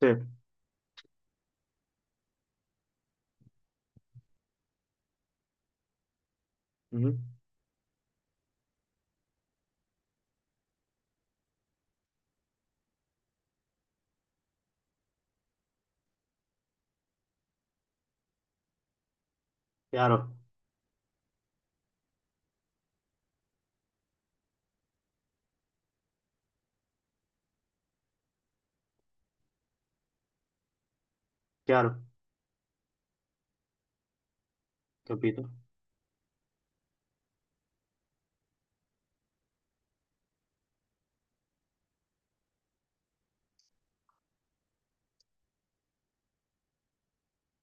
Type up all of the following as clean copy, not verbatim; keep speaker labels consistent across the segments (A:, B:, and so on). A: Sì. Mhm. Chiaro. Chiaro. Capito.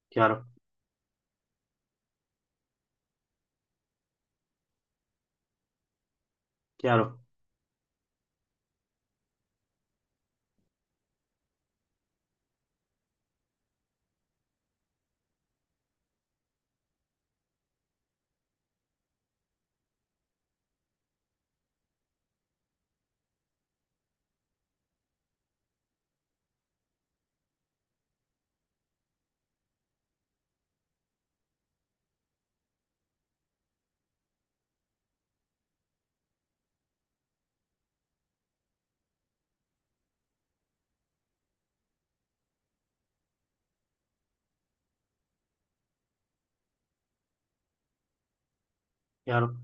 A: Chiaro. Chiaro. Chiaro.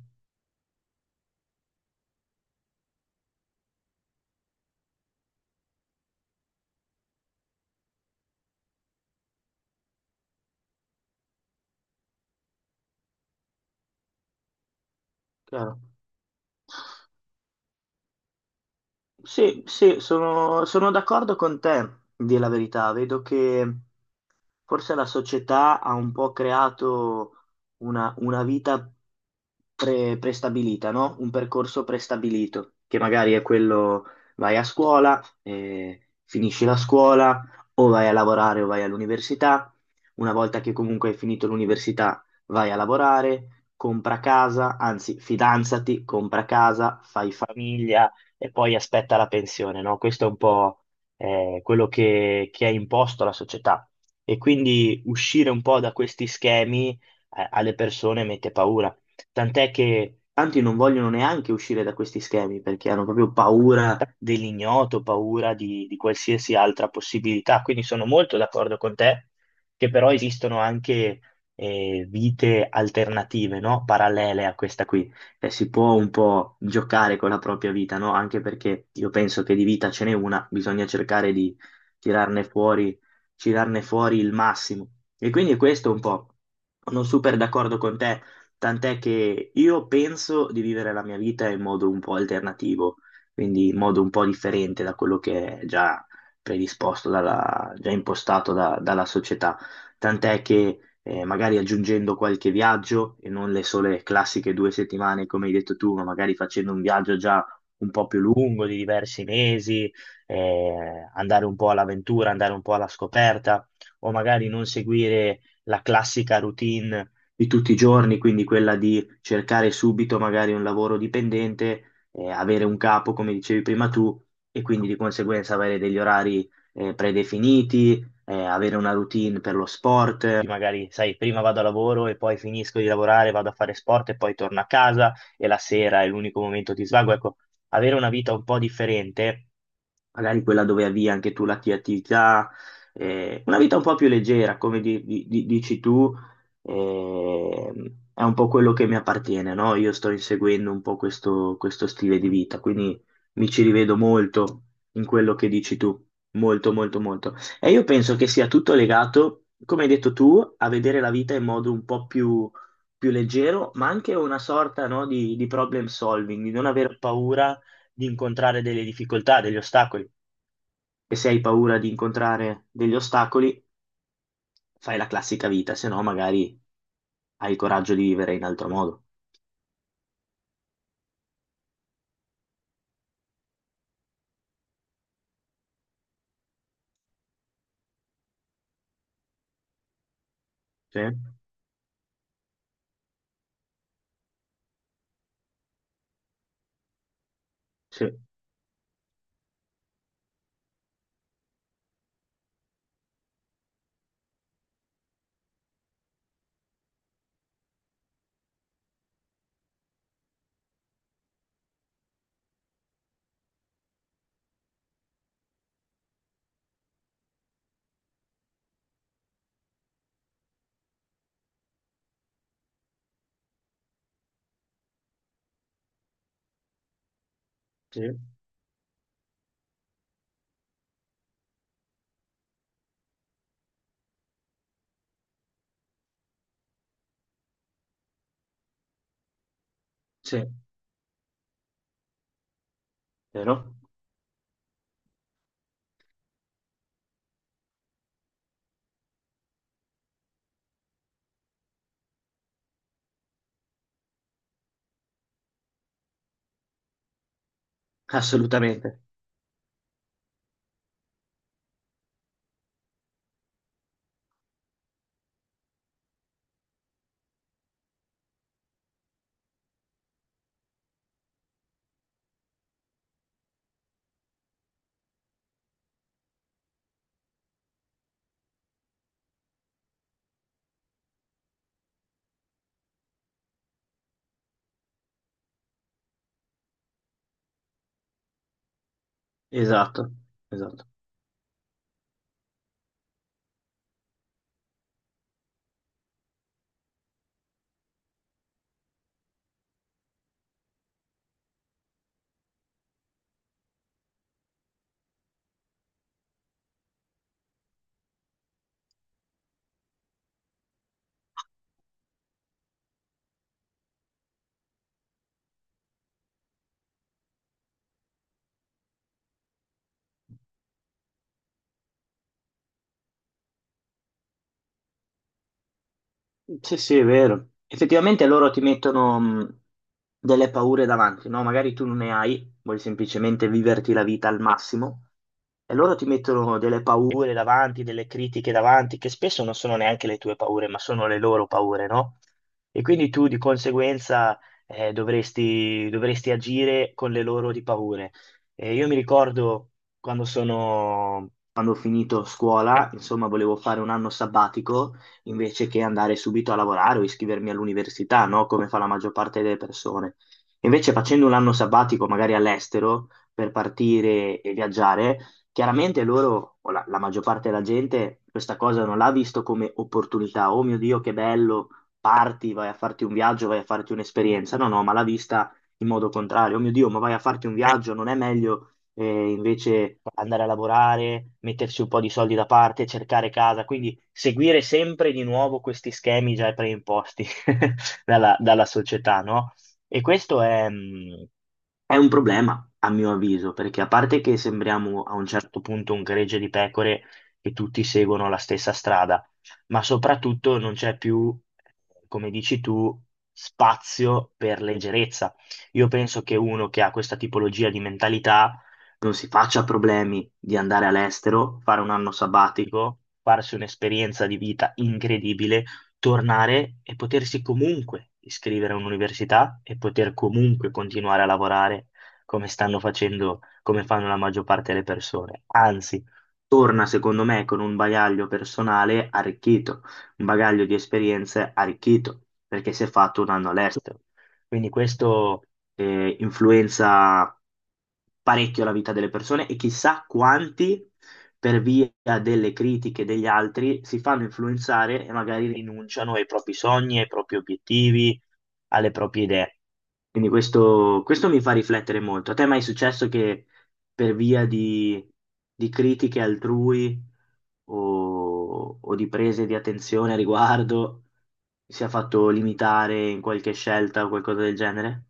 A: Chiaro. Sì, sì, sono d'accordo con te, di la verità. Vedo che forse la società ha un po' creato una vita prestabilita, no? Un percorso prestabilito, che magari è quello: vai a scuola, finisci la scuola, o vai a lavorare o vai all'università. Una volta che comunque hai finito l'università, vai a lavorare, compra casa, anzi, fidanzati, compra casa, fai famiglia e poi aspetta la pensione, no? Questo è un po' quello che è imposto alla società. E quindi uscire un po' da questi schemi alle persone mette paura. Tant'è che tanti non vogliono neanche uscire da questi schemi perché hanno proprio paura dell'ignoto, paura di qualsiasi altra possibilità. Quindi sono molto d'accordo con te che però esistono anche vite alternative, no? Parallele a questa qui si può un po' giocare con la propria vita, no? Anche perché io penso che di vita ce n'è una, bisogna cercare di tirarne fuori, tirarne fuori il massimo. E quindi questo è un po', sono super d'accordo con te, tant'è che io penso di vivere la mia vita in modo un po' alternativo, quindi in modo un po' differente da quello che è già predisposto, già impostato dalla società. Tant'è che magari aggiungendo qualche viaggio e non le sole classiche 2 settimane, come hai detto tu, ma magari facendo un viaggio già un po' più lungo, di diversi mesi, andare un po' all'avventura, andare un po' alla scoperta, o magari non seguire la classica routine di tutti i giorni, quindi quella di cercare subito magari un lavoro dipendente, avere un capo, come dicevi prima tu, e quindi di conseguenza avere degli orari predefiniti, avere una routine per lo sport, magari sai, prima vado a lavoro e poi finisco di lavorare, vado a fare sport e poi torno a casa e la sera è l'unico momento di svago. Ecco, avere una vita un po' differente, magari quella dove avvii anche tu la tua attività, una vita un po' più leggera, come dici tu, eh, è un po' quello che mi appartiene, no? Io sto inseguendo un po' questo stile di vita, quindi mi ci rivedo molto in quello che dici tu, molto, molto, molto. E io penso che sia tutto legato, come hai detto tu, a vedere la vita in modo un po' più leggero, ma anche una sorta, no, di problem solving, di non aver paura di incontrare delle difficoltà, degli ostacoli, e se hai paura di incontrare degli ostacoli, fai la classica vita, se no magari hai il coraggio di vivere in altro modo. Sì, sì, sì, sì. Vero? Assolutamente. Esatto, esatto. Sì, sì, è vero. Effettivamente loro ti mettono delle paure davanti, no? Magari tu non ne hai, vuoi semplicemente viverti la vita al massimo. E loro ti mettono delle paure davanti, delle critiche davanti, che spesso non sono neanche le tue paure, ma sono le loro paure, no? E quindi tu di conseguenza dovresti agire con le loro di paure. E io mi ricordo, quando ho finito scuola, insomma, volevo fare un anno sabbatico invece che andare subito a lavorare o iscrivermi all'università, no? Come fa la maggior parte delle persone. Invece facendo un anno sabbatico, magari all'estero, per partire e viaggiare. Chiaramente loro, o la maggior parte della gente, questa cosa non l'ha visto come opportunità. Oh mio Dio, che bello, parti, vai a farti un viaggio, vai a farti un'esperienza. No, no, ma l'ha vista in modo contrario. Oh mio Dio, ma vai a farti un viaggio, non è meglio invece andare a lavorare, mettersi un po' di soldi da parte, cercare casa? Quindi seguire sempre di nuovo questi schemi già preimposti dalla società, no? E questo è un problema, a mio avviso, perché a parte che sembriamo a un certo punto un gregge di pecore e tutti seguono la stessa strada, ma soprattutto non c'è più, come dici tu, spazio per leggerezza. Io penso che uno che ha questa tipologia di mentalità non si faccia problemi di andare all'estero, fare un anno sabbatico, farsi un'esperienza di vita incredibile, tornare e potersi comunque iscrivere a un'università e poter comunque continuare a lavorare come stanno facendo, come fanno la maggior parte delle persone. Anzi, torna secondo me con un bagaglio personale arricchito, un bagaglio di esperienze arricchito, perché si è fatto un anno all'estero. Quindi questo influenza parecchio la vita delle persone, e chissà quanti, per via delle critiche degli altri, si fanno influenzare e magari rinunciano ai propri sogni, ai propri obiettivi, alle proprie idee. Quindi questo mi fa riflettere molto. A te è mai successo che, per via di critiche altrui o di prese di attenzione a riguardo, sia fatto limitare in qualche scelta o qualcosa del genere?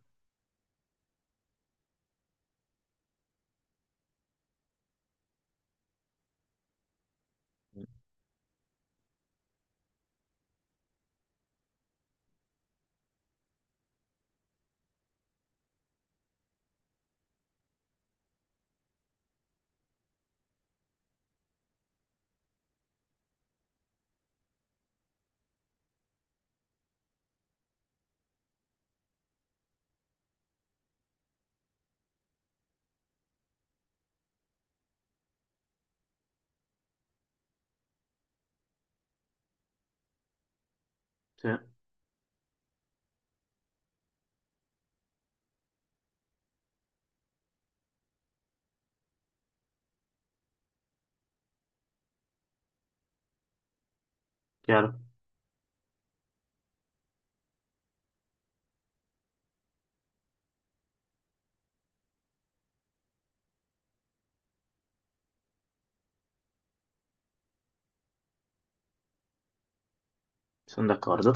A: Sì, chiaro, sono d'accordo.